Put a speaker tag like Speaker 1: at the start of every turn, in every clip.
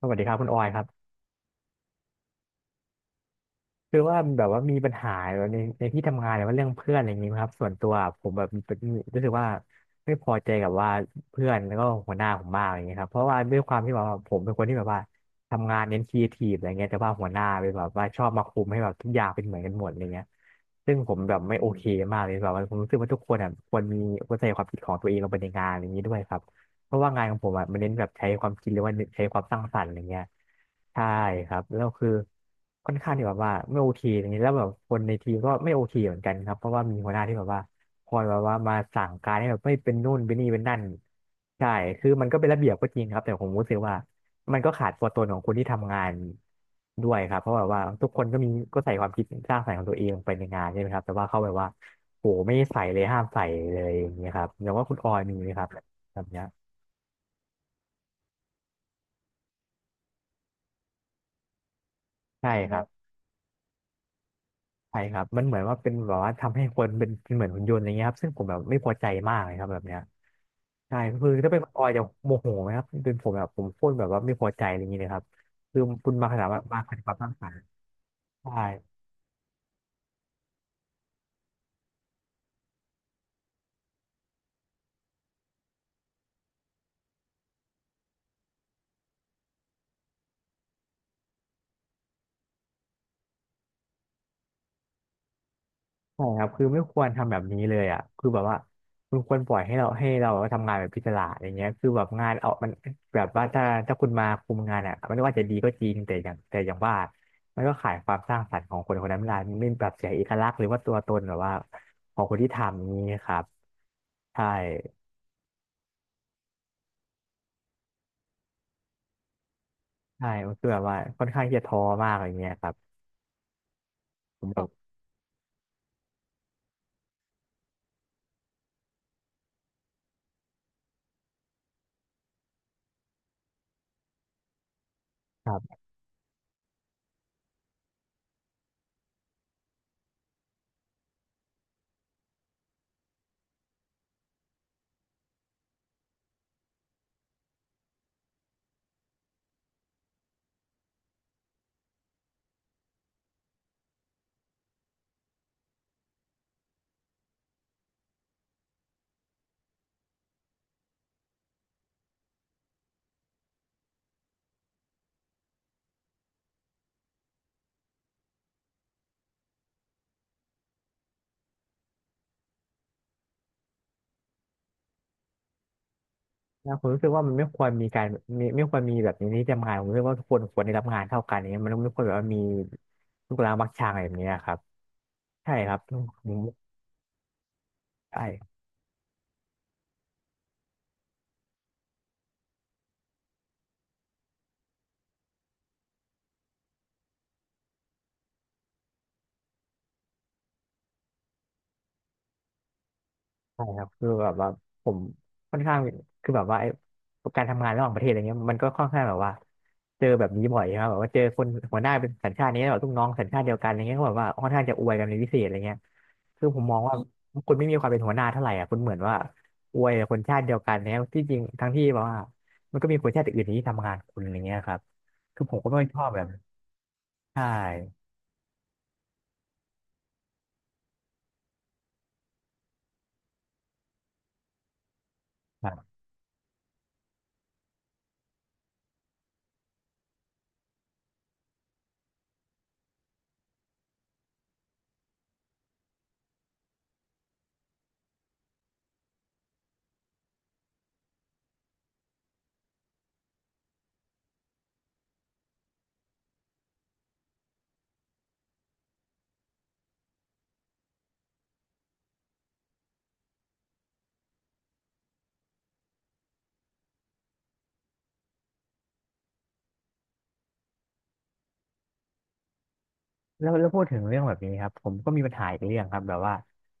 Speaker 1: สวัสดีครับคุณออยครับคือว่าแบบว่ามีปัญหาแบบในที่ทำงานหรือว่าเรื่องเพื่อนอะไรอย่างนี้ไหมครับส่วนตัวผมแบบมีรู้สึกว่าไม่พอใจกับว่าเพื่อนแล้วก็หัวหน้าผมมากอย่างเงี้ยครับเพราะว่าด้วยความที่แบบว่าผมเป็นคนที่แบบว่าทำงานเน้นครีเอทีฟอะไรเงี้ยแต่ว่าหัวหน้าเป็นแบบว่าชอบมาคุมให้แบบทุกอย่างเป็นเหมือนกันหมดอะไรเงี้ยซึ่งผมแบบไม่โอเคมากเลยแบบว่าผมรู้สึกว่าทุกคนอ่ะควรมีควรใส่ความคิดของตัวเองลงไปในงานอะไรอย่างนี้ด้วยครับ เพราะว่างานของผมอ่ะมันเน้นแบบใช้ความคิดหรือว่าใช้ความสร้างสรรค์อะไรเงี้ยใช่ครับแล้วคือค่อนข้างที่แบบว่าไม่โอเคอย่างนี้ยแล้วแบบคนในทีมก็ไม่โอเคเหมือนกันครับเพราะว่ามีหัวหน้าที่แบบว่าคอยแบบว่ามาสั่งการให้แบบไม่เป็นนู่นเป็นนี่เป็นนั่นใช่คือมันก็เป็นระเบียบก็จริงครับแต่ผมรู้สึกว่ามันก็ขาดตัวตนของคนที่ทำงานด้วยครับเพราะแบบว่าทุกคนก็มีก็ใส่ความคิดสร้างสรรค์ของตัวเองลงไปในงานใช่ไหมครับแต่ว่าเขาแบบว่าโหไม่ใส่เลยห้ามใส่เลยอย่างเงี้ยครับอย่างว่าคุณออยมีไหมครับแบบเนี้ย ใช่ครับใช่ครับมันเหมือนว่าเป็นแบบว่าทำให้คนเป็นเหมือนหุ่นยนต์อย่างเงี้ยครับซึ่งผมแบบไม่พอใจมากเลยครับแบบเนี้ยใช่คือถ้าเป็นคุณออยจะโมโหไหมครับเป็นผมแบบผมโคตรแบบว่าไม่พอใจอะไรอย่างเงี้ยเลยครับคือคุณมาขนาดว่ามาขนาดความสร้างสรรค์ใช่ ใช่ครับคือไม่ควรทำแบบนี้เลยอ่ะคือแบบว่าคุณควรปล่อยให้เราทำงานแบบพิจารณาอย่างเงี้ยคือแบบงานเอามันแบบว่าถ้าคุณมาคุมงานอ่ะไม่ว่าจะดีก็จริงแต่อย่างว่ามันก็ขายความสร้างสรรค์ของคนคนนั้นไม่ได้ไม่แบบเสียเอกลักษณ์หรือว่าตัวตนแบบว่าของคนที่ทำอย่างนี้ครับใช่ใช่มันคือแบบว่าค่อนข้างที่จะท้อมากอย่างเงี้ยครับผมแบบ นะผมรู้สึกว่ามันไม่ควรมีการมีไม่ควรมีแบบนี้ในที่ทำงานผมรู้สึกว่าทุกคนควรได้รับงานเท่ากันอย่างเนี้ยมันไม่ควรแบบว่ามีลูกหลานมักชางอะไรแบบเนี้ยครับใช่ครับผมใช่ใช่ครับคือแบบว่าผมค่อนข้างคือแบบว่าไอ้การทำงานระหว่างประเทศอะไรเงี้ยมันก็ค่อนข้างแบบว่าเจอแบบนี้บ่อยครับแบบว่าเจอคนหัวหน้าเป็นสัญชาตินี้แล้วแบบลูกน้องสัญชาติเดียวกันอะไรเงี้ยก็แบบว่าค่อนข้างจะอวยกันในพิเศษอะไรเงี้ย คือผมมองว่าคุณไม่มีความเป็นหัวหน้าเท่าไหร่อ่ะคุณเหมือนว่าอวยคนชาติเดียวกันเนี่ยที่จริงทั้งที่แบบว่ามันก็มีคนชาติอื่นที่ทำงานคุณอย่างเงี้ยครับคือผมก็ไม่ชอบแบบนั้นใช่ แล้วพูดถึงเรื่องแบบนี้ครับผมก็มีปัญหาอีกเรื่องครับแบบว่า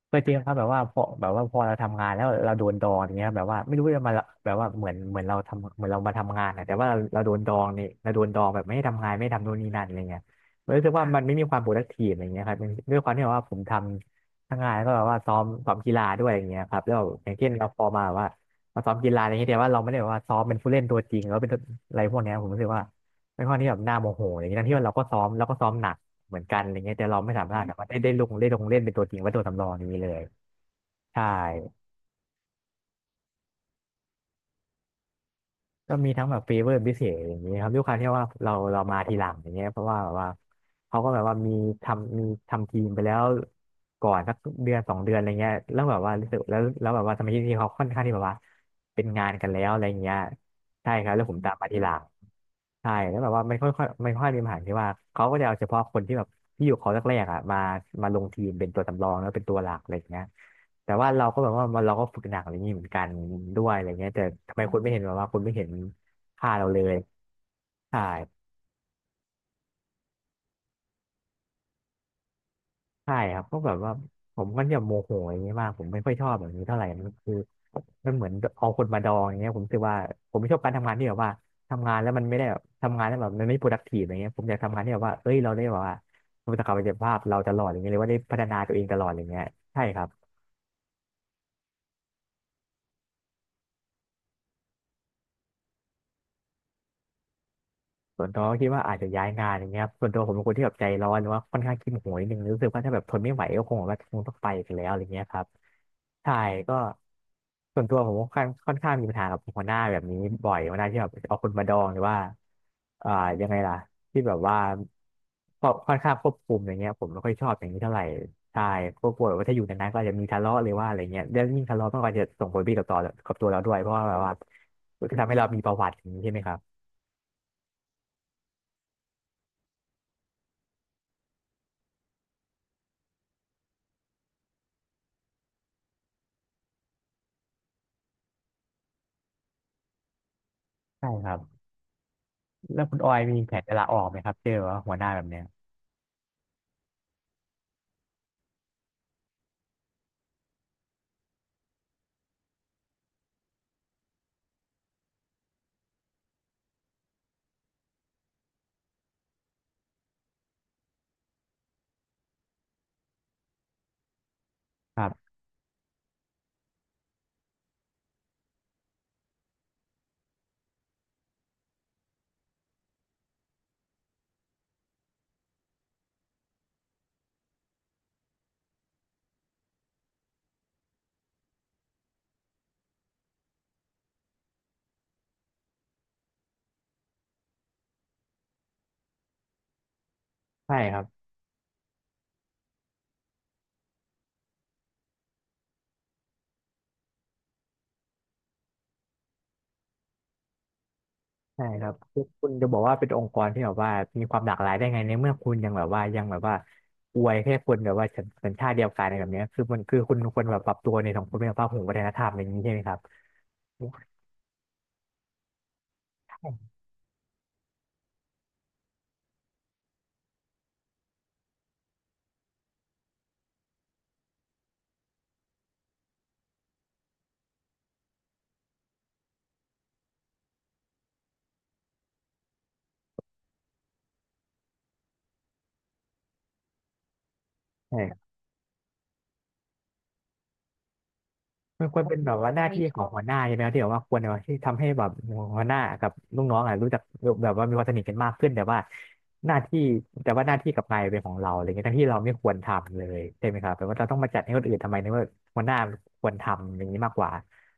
Speaker 1: เคยเจอครับแบบว่าพอเราทำงานแล้วเราโดนดองอย่างเงี้ยครับแบบว่าไม่รู้จะมาแบบว่าเหมือนเราทำเหมือนเรามาทำงานอะแต่ว่าเราโดนดองเนี่ยเราโดนดองแบบไม่ให้ทำงานไม่ทำโน่นนี่นั่นอะไรเงี้ยมรู้สึกว่ามันไม่มีความ productive อะไรเงี้ยครับมันด้วยความที่แบบว่าผมทำทั้งงานแล้วก็แบบว่าซ้อมกีฬาด้วยอย่างเงี้ยครับแล้วอย่างเช่นเราพอมาแบบว่ามาซ้อมกีฬาอะไรเงี้ยแต่ว่าเราไม่ได้แบบว่าซ้อมเป็นผู้เล่นตัวจริงแล้วเป็นอะไรพวกเนี้ยผมรู้สึกว่าเป็นข้อที่แบบน่าโมโหอย่างนี้ทั้งที่ว่าเราก็ซ้อมเราก็ซ้อมหนัก เหมือนกันอะไรเงี้ยแต่เราไม่สามารถแบบว่าได้ลงเล่นเป็นตัวจริงว่าตัวสำรองอย่างนี้เลยใช่ก็มีทั้งแบบฟีเวอร์พิเศษอย่างนี้ครับด้วยความที่ว่าเรามาทีหลังอย่างเงี้ยเพราะว่าแบบว่าเขาก็แบบว่ามีทำมีทำทีมไปแล้วก่อนสักเดือนสองเดือนอะไรเงี้ยแล้วแบบว่ารู้สึกแล้วแล้วแบบว่าสมาชิกทีมเขาค่อนข้างที่แบบว่าเป็นงานกันแล้วอะไรเงี้ยใช่ครับแล้วผมตามมาทีหลังใช่แล้วแบบว่ามันค่อยค่อยมันค่อยมีปัญหาที่ว่าเขาก็จะเอาเฉพาะคนที่แบบที่อยู่เขาแรกๆอ่ะมาลงทีมเป็นตัวสำรองแล้วเป็นตัวหลักอะไรเงี้ย แต่ว่าเราก็แบบว่ามันเราก็ฝึกหนักอะไรอย่างนี้เหมือนกันด้วยอะไรเงี้ยแต่ทำไมคนไม่เห็นค่าเราเลยใช่ใช่ครับก็แบบว่าผมก็จะโมโหอย่างเงี้ยมากผมไม่ค่อยชอบแบบนี้เท่าไหร่มันคือมันเหมือนเอาคนมาดองอย่างเงี้ยผมรู้สึกว่าผมไม่ชอบการทำงานที่แบบว่าทำงานแล้วมันไม่ได้แบบทำงานแล้วแบบมันไม่ productive อะไรเงี้ยผมอยากทำงานที่แบบว่าเอ้ยเราได้แบบว่ามีศักยภาพเราตลอดอย่างเงี้ยเลยว่าได้พัฒนาตัวเองตลอดอย่างเงี้ยใช่ครับ ส่วนตัวก็คิดว่าอาจจะย้ายงานอย่างเงี้ยครับส่วนตัวผมเป็นคนที่แบบใจร้อนหรือว่าค่อนข้างขี้โหยนิดนึงรู้สึกว่าถ้าแบบทนไม่ไหวก็คงแบบว่าคงต้องไปกันแล้วอะไรเงี้ยครับใช่ก็ส่วนตัวผมค่อนข้างมีปัญหากับหัวหน้าแบบนี้บ่อยหัวหน้าที่แบบเอาคนมาดองหรือว่าอ่ายังไงล่ะที่แบบว่าก็ค่อนข้างควบคุมอย่างเงี้ยผมไม่ค่อยชอบอย่างนี้เท่าไหร่ใช่ก็กลัวแบบว่าถ้าอยู่นานๆก็อาจจะมีทะเลาะหรือว่าอะไรเงี้ยแล้วยิ่งทะเลาะมันก็อาจจะส่งผลดีต่อตัวเราด้วยเพราะว่าแบบว่าก็ทำให้เรามีประวัติอย่างนี้ใช่ไหมครับใช่ครับ แล้วคุณออยมีแผนจะลาออกไหมครับเจอว่าหัวหน้าแบบเนี้ยครับใช่ครับใช่ครับคือคุณจะบอกว่าเป็นองค์กรที่แบบว่ามีความหลากหลายได้ไงในเมื่อคุณยังแบบว่ายังแบบว่าอวยแค่คนแบบว่าสัญชาติเดียวกันอะไรแบบเนี้ยคือคุณควรแบบปรับตัวในสังคมในสภาพของวัฒนธรรมอะไรอย่างนี้ใช่ไหมครับใช่ มันควรเป็นแบบว่าหน้าที่ของหัวหน้าใช่ไหมครับที่แบบว่าควรแบบว่าที่ทำให้แบบหัวหน้ากับลูกน้องอ่ะรู้จักแบบว่ามีความสนิทกันมากขึ้นหน้าที่แต่ว่าหน้าที่กับนายเป็นของเราอะไรเงี้ยทั้งที่เราไม่ควรทำเลยใช่ไหมครับแปลว่าเราต้องมาจัดให้คนอื่นทำไมในเมื่อหัวหน้าควรทำอย่างนี้มากกว่า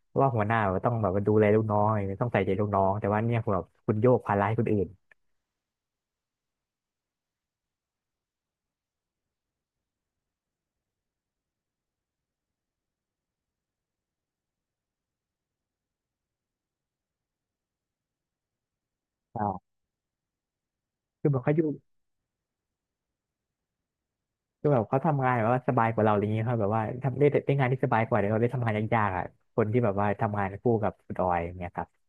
Speaker 1: เพราะว่าหัวหน้าแบบต้องแบบว่าดูแลลูกน้องอะไรเงี้ยต้องใส่ใจลูกน้องแต่ว่าเนี่ยคุณแบบคุณโยกภาระให้คนอื่นอ่าคือแบบเขาอยู่คือแบบเขาทำงานแบบว่าสบายกว่าเราอะไรเงี้ยครับแบบว่าทำได้ได้งานที่สบายกว่าเดี๋ยวเราได้ทำงานยากๆอ่ะคนที่แบบว่าทำงานคู่กับคุณออยอย่างเงี้ยครับ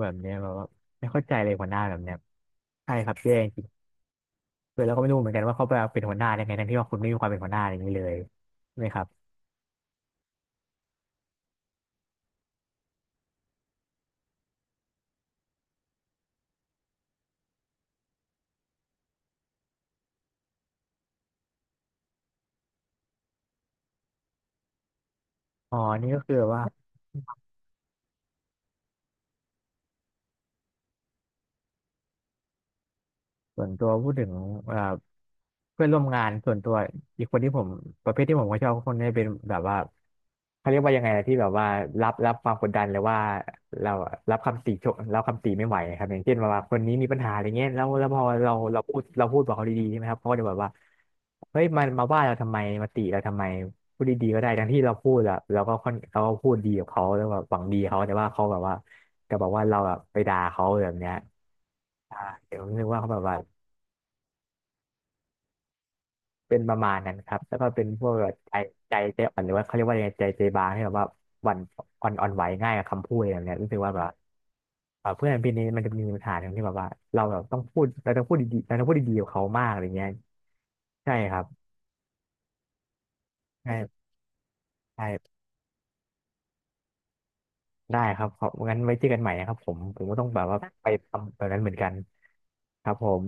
Speaker 1: แบบเนี้ยแบบว่าไม่เข้าใจเลยหัวหน้าแบบเนี้ยใช่ครับแย่จริงเลยแล้วก็ไม่รู้เหมือนกันว่าเขาไปเป็นหัวหน้าได้ไงทั้งที่ว่าคุณไม่มีความเป็นหัวหน้าอย่างนี้เลยใช่ไหมครับอ๋อนี่ก็คือว่าส่วนตัวพูดถึงเอ่อเพื่อนร่วมงานส่วนตัวอีกคนที่ผมประเภทที่ผมก็ชอบคนนี้เป็นแบบว่า เขาเรียกว่ายังไงนะที่แบบว่ารับความกดดันเลยว่าเรารับคำติไม่ไหวครับอย่างเช่นว่าคนนี้มีปัญหาอะไรเงี้ยแล้วพอเราพูดบอกเขาดีๆใช่ไหมครับเขาก็จะแบบว่าเฮ้ยมันมาว่าเราทำไมมาติเราทำไมพูดดีๆก็ได้ทั้งที่เราพูดอะเราก็พูดดีกับเขาแล้วแบบหวังดีเขาแต่ว่าเขาแบบว่าก็บอกว่าเราแบบไปด่าเขาแบบเนี้ยอ่าเดี๋ยวผมนึกว่าเขาแบบว่า เป็นประมาณนั้นครับแล้วก็เป็นพวกแบบใจอ่อนหรือว่าเขาเรียกว่ายังไงใจบางที่แบบว่าหวั่นอ่อนอ่อนไหวง่ายกับคำพูดอะไรแบบเนี้ยรู้สึกว่าแบบเพื่อนพี่นี้มันจะมีปัญหาตรงที่แบบว่าเราแบบต้องพูดเราต้องพูดดีๆเราต้องพูดดีๆกับเขามากอะไรเงี้ยใช่ครับใช่ใช่ได้ครับขอบงั้นไว้เจอกันใหม่นะครับผมก็ต้องแบบว่าไปทำแบบนั้นเหมือนกันครับผม